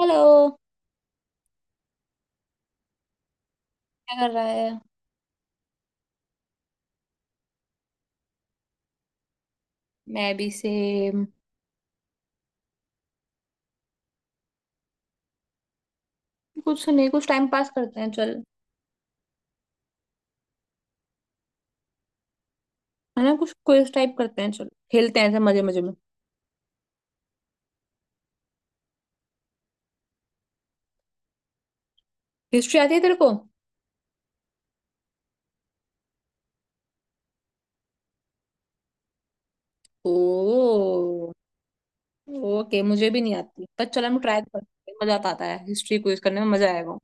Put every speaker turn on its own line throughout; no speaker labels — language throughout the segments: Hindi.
हेलो। क्या कर रहा है। मैं भी सेम। कुछ तो नहीं, कुछ टाइम पास करते हैं चल। है ना, कुछ क्विज टाइप करते हैं, चल खेलते हैं ऐसे मजे मजे में। हिस्ट्री आती है तेरे को? ओ। ओके, मुझे भी नहीं आती पर चल हम ट्राई करते हैं, मजा तो आता है हिस्ट्री क्विज करने में, मजा आएगा।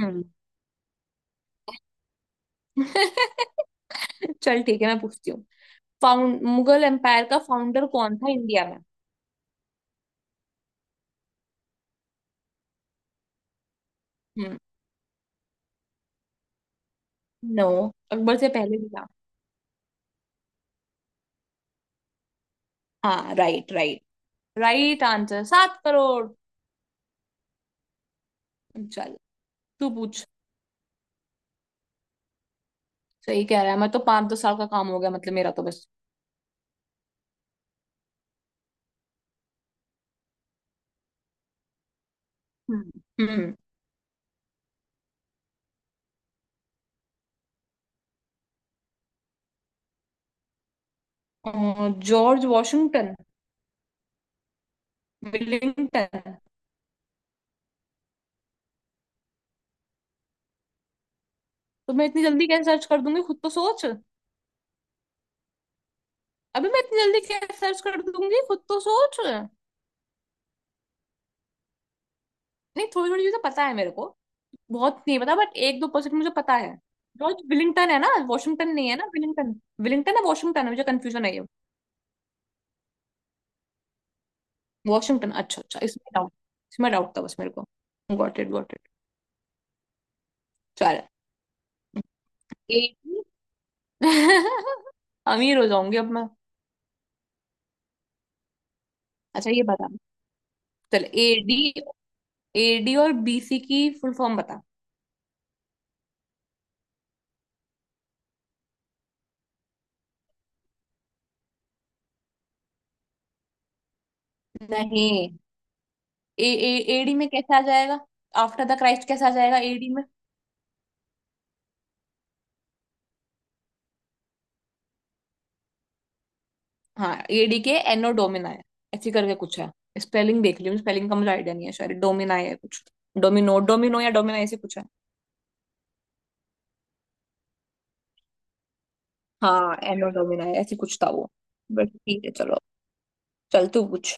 हम्म। चल ठीक है, मैं पूछती हूँ। फाउंड मुगल एम्पायर का फाउंडर कौन था इंडिया में? हम्म। नो। अकबर से पहले भी था। हाँ, right right. Right answer, 7 crore. चल, तू पूछ। सही कह रहा है, मैं तो पांच दो साल का काम हो गया मतलब, मेरा तो बस। हम्म। George Washington. विलिंगटन। तो मैं इतनी जल्दी कैसे सर्च कर दूंगी, खुद तो सोच। अभी मैं इतनी जल्दी कैसे सर्च कर दूंगी, खुद तो सोच। नहीं, थोड़ी थोड़ी चीजें पता है मेरे को। बहुत नहीं पता बट 1-2% मुझे पता है। जॉर्ज विलिंगटन है ना, वॉशिंगटन नहीं है ना, विलिंगटन। विलिंगटन है, वॉशिंगटन है, मुझे कंफ्यूजन है ये। वॉशिंगटन, अच्छा अच्छा, इसमें डाउट। इसमें डाउट था बस मेरे को। Got it, got it. चल। एक- अमीर हो जाऊंगी अब। अच्छा ये बता। चल, एडी। एडी और बीसी की फुल फॉर्म बता। नहीं। ए ए, एडी में कैसे आ जाएगा? आफ्टर द क्राइस्ट कैसे आ जाएगा एडी में? हाँ, एडी के एनो डोमिना है, ऐसी करके कुछ है। स्पेलिंग देख लियो, स्पेलिंग का मुझे आइडिया नहीं है, शायद डोमिना है कुछ। डोमिनो डोमिनो या डोमिना, ऐसे कुछ है। हाँ, एनो डोमिना है ऐसी, कुछ था वो। बट ठीक है चलो। चल तू पूछ।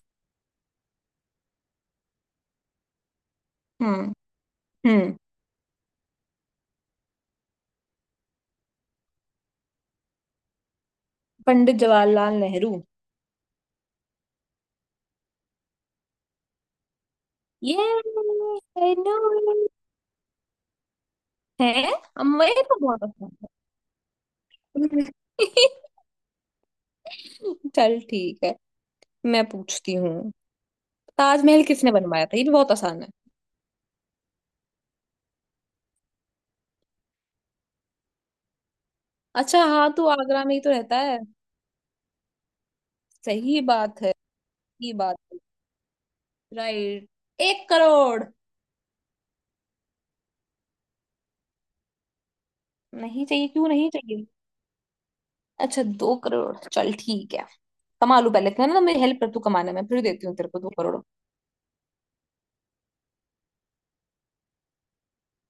हम्म हम्म। पंडित जवाहरलाल नेहरू। ये। I know. है अब, मैं तो बहुत अच्छा। चल ठीक है, मैं पूछती हूँ। ताजमहल किसने बनवाया था, ये भी बहुत आसान है। अच्छा हाँ, तू आगरा में ही तो रहता है। सही बात है। सही बात है। राइट। 1 करोड़। नहीं चाहिए? क्यों नहीं चाहिए? अच्छा, 2 करोड़, चल ठीक है। कमा लूं पहले इतना ना, मेरी हेल्प कर तू कमाने में, फिर देती हूँ तेरे को 2 करोड़।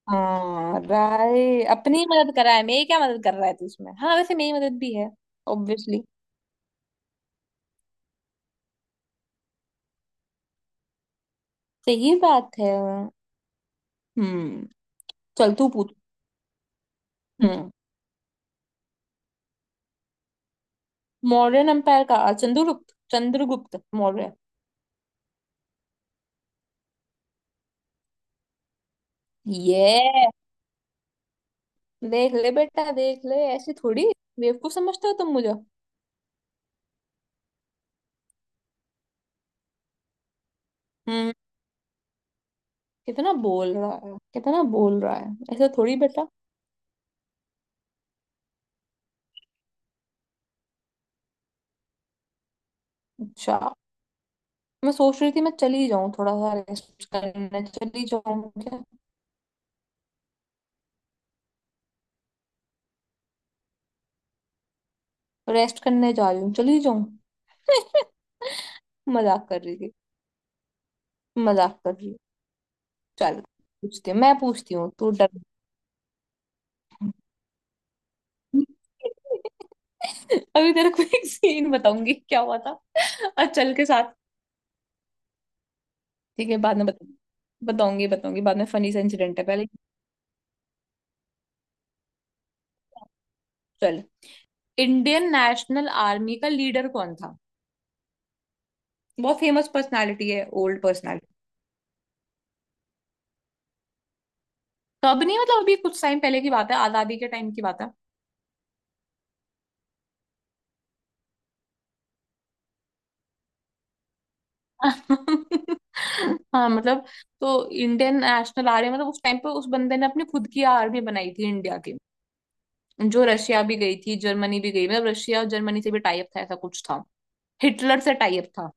हाँ राय, अपनी मदद करा है, मेरी क्या मदद कर रहा है तू उसमें? हाँ वैसे, मेरी मदद भी है ऑब्वियसली। सही बात है। हम्म। चल तू पूछ। हम्म। मौर्यन एम्पायर का चंद्रगुप्त चंद्रगुप्त मौर्य। ये। देख ले बेटा, देख ले, ऐसे थोड़ी। बेवकूफ समझते हो तुम मुझे? हम्म। कितना बोल रहा है, कितना बोल रहा है, ऐसे थोड़ी बेटा। अच्छा, मैं सोच रही थी मैं चली जाऊं, थोड़ा सा रेस्ट करने चली जाऊं क्या? रेस्ट करने जा रही हूँ, चली जाऊं। मजाक कर रही थी। मजाक कर रही हूँ। चल। पूछती हूँ मैं पूछती हूँ, तू डर। अभी तेरे को एक सीन बताऊंगी क्या हुआ था और चल के साथ। ठीक है, बाद में बताऊंगी। बताऊंगी बाद में, फनी सा इंसिडेंट है पहले। चल। इंडियन नेशनल आर्मी का लीडर कौन था? बहुत फेमस पर्सनालिटी है, ओल्ड पर्सनालिटी। तब नहीं मतलब, अभी कुछ टाइम पहले की बात है, आजादी के टाइम की बात है। हाँ मतलब। तो इंडियन नेशनल आर्मी मतलब उस टाइम पे, उस बंदे ने अपनी खुद की आर्मी बनाई थी इंडिया की। जो रशिया भी गई थी, जर्मनी भी गई, मतलब रशिया और जर्मनी से भी टाई अप था, ऐसा कुछ था। हिटलर से टाई अप था।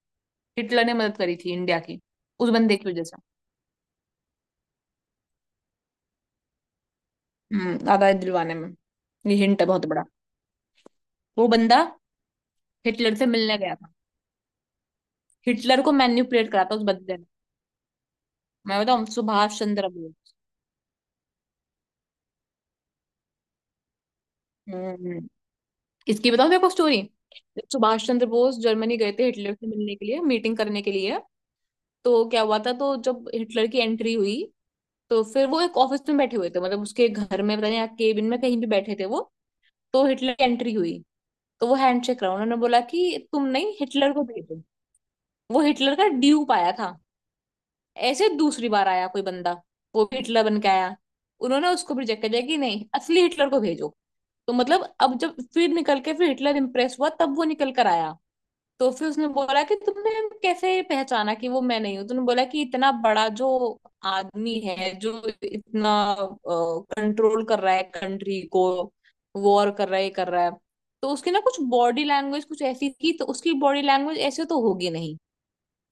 हिटलर ने मदद करी थी इंडिया की, उस बंदे की वजह से। हम्म। आज़ादी दिलवाने में। ये हिंट है बहुत बड़ा। वो बंदा हिटलर से मिलने गया था। हिटलर को मैनिपुलेट करा था उस बंदे ने। मैं बताऊं, सुभाष चंद्र बोस। हम्म। इसकी बताऊं देखो स्टोरी। सुभाष चंद्र बोस जर्मनी गए थे हिटलर से मिलने के लिए, मीटिंग करने के लिए। तो क्या हुआ था, तो जब हिटलर की एंट्री हुई, तो फिर वो एक ऑफिस में बैठे हुए थे, मतलब उसके घर में पता नहीं, केबिन में, कहीं भी बैठे थे वो। तो हिटलर की एंट्री हुई, तो वो हैंडशेक रहा, उन्होंने बोला कि तुम नहीं, हिटलर को भेजो। वो हिटलर का ड्यूप आया था। ऐसे दूसरी बार आया कोई बंदा, वो भी हिटलर बन के आया। उन्होंने उसको भी रिजेक्ट कर दिया कि नहीं, असली हिटलर को भेजो। तो मतलब अब जब फिर निकल के, फिर हिटलर इम्प्रेस हुआ, तब वो निकल कर आया। तो फिर उसने बोला कि तुमने कैसे पहचाना कि वो मैं नहीं हूँ? तूने बोला कि इतना बड़ा जो आदमी है, जो इतना कंट्रोल कर रहा है कंट्री को, वॉर कर रहा है, ये कर रहा है, तो उसकी ना कुछ बॉडी लैंग्वेज कुछ ऐसी थी, तो उसकी बॉडी लैंग्वेज ऐसे तो होगी नहीं,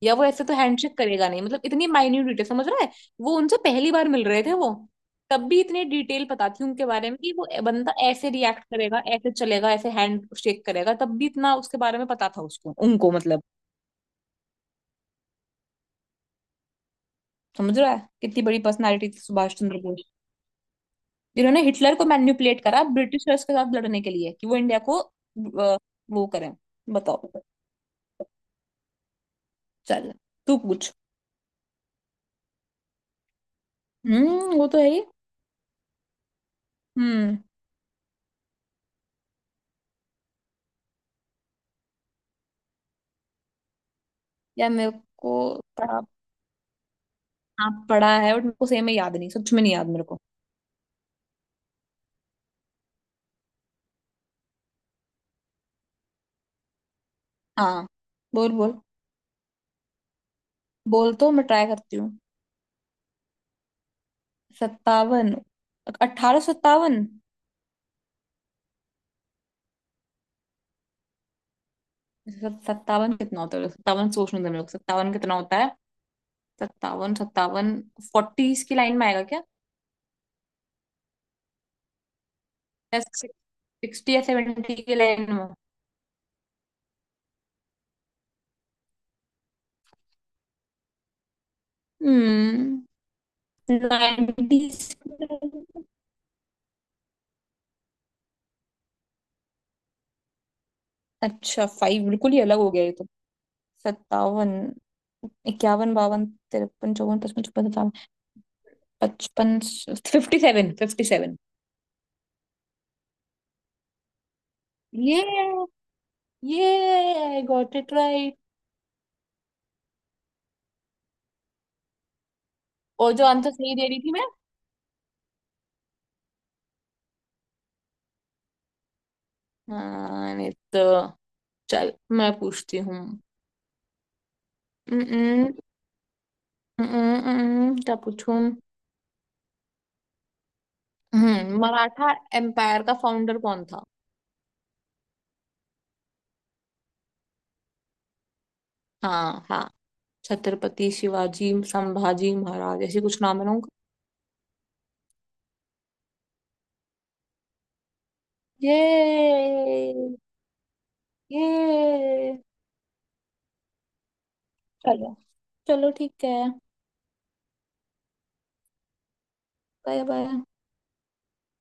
या वो ऐसे तो हैंडशेक करेगा नहीं, मतलब इतनी माइन्यूट डिटेल समझ रहा है। वो उनसे पहली बार मिल रहे थे वो। तब भी इतनी डिटेल पता थी उनके बारे में कि वो बंदा ऐसे रिएक्ट करेगा, ऐसे चलेगा, ऐसे हैंड शेक करेगा, तब भी इतना उसके बारे में पता था उसको, उनको मतलब। समझ रहा है कितनी बड़ी पर्सनालिटी थी सुभाष चंद्र बोस, जिन्होंने हिटलर को मैनिपुलेट करा ब्रिटिशर्स के साथ लड़ने के लिए कि वो इंडिया को वो करें। बताओ। चल तू पूछ। हम्म, वो तो है ही। हम्म। या मेरे को। हाँ पढ़ा है बट मेरे को सेम में याद नहीं, सच में नहीं याद मेरे को। हाँ, बोल बोल। बोल तो मैं ट्राई करती हूँ। सत्तावन। 1857। सत्तावन कितना होता है, सत्तावन सोचने दो मेरे को, सत्तावन कितना होता है। सत्तावन सत्तावन। फोर्टीज की लाइन में आएगा क्या? सिक्सटी या सेवेंटी की लाइन में? हम्म। 90s? अच्छा, फाइव बिल्कुल ही अलग हो गया ये तो। सत्तावन, इक्यावन, बावन, तिरपन, चौवन, पचपन, छप्पन, पचपन। 57, 57। ये ये आई गॉट इट राइट। और जो आंसर सही दे रही थी मैं? हाँ, नहीं तो। चल। मैं पूछती हूँ। Mm-mm, mm-mm, क्या पूछूं? हम्म। मराठा एम्पायर का फाउंडर कौन था? हाँ हाँ। छत्रपति शिवाजी, संभाजी महाराज, ऐसे कुछ नाम है ना उनका। ये ये। चलो, चलो ठीक है। Bye bye.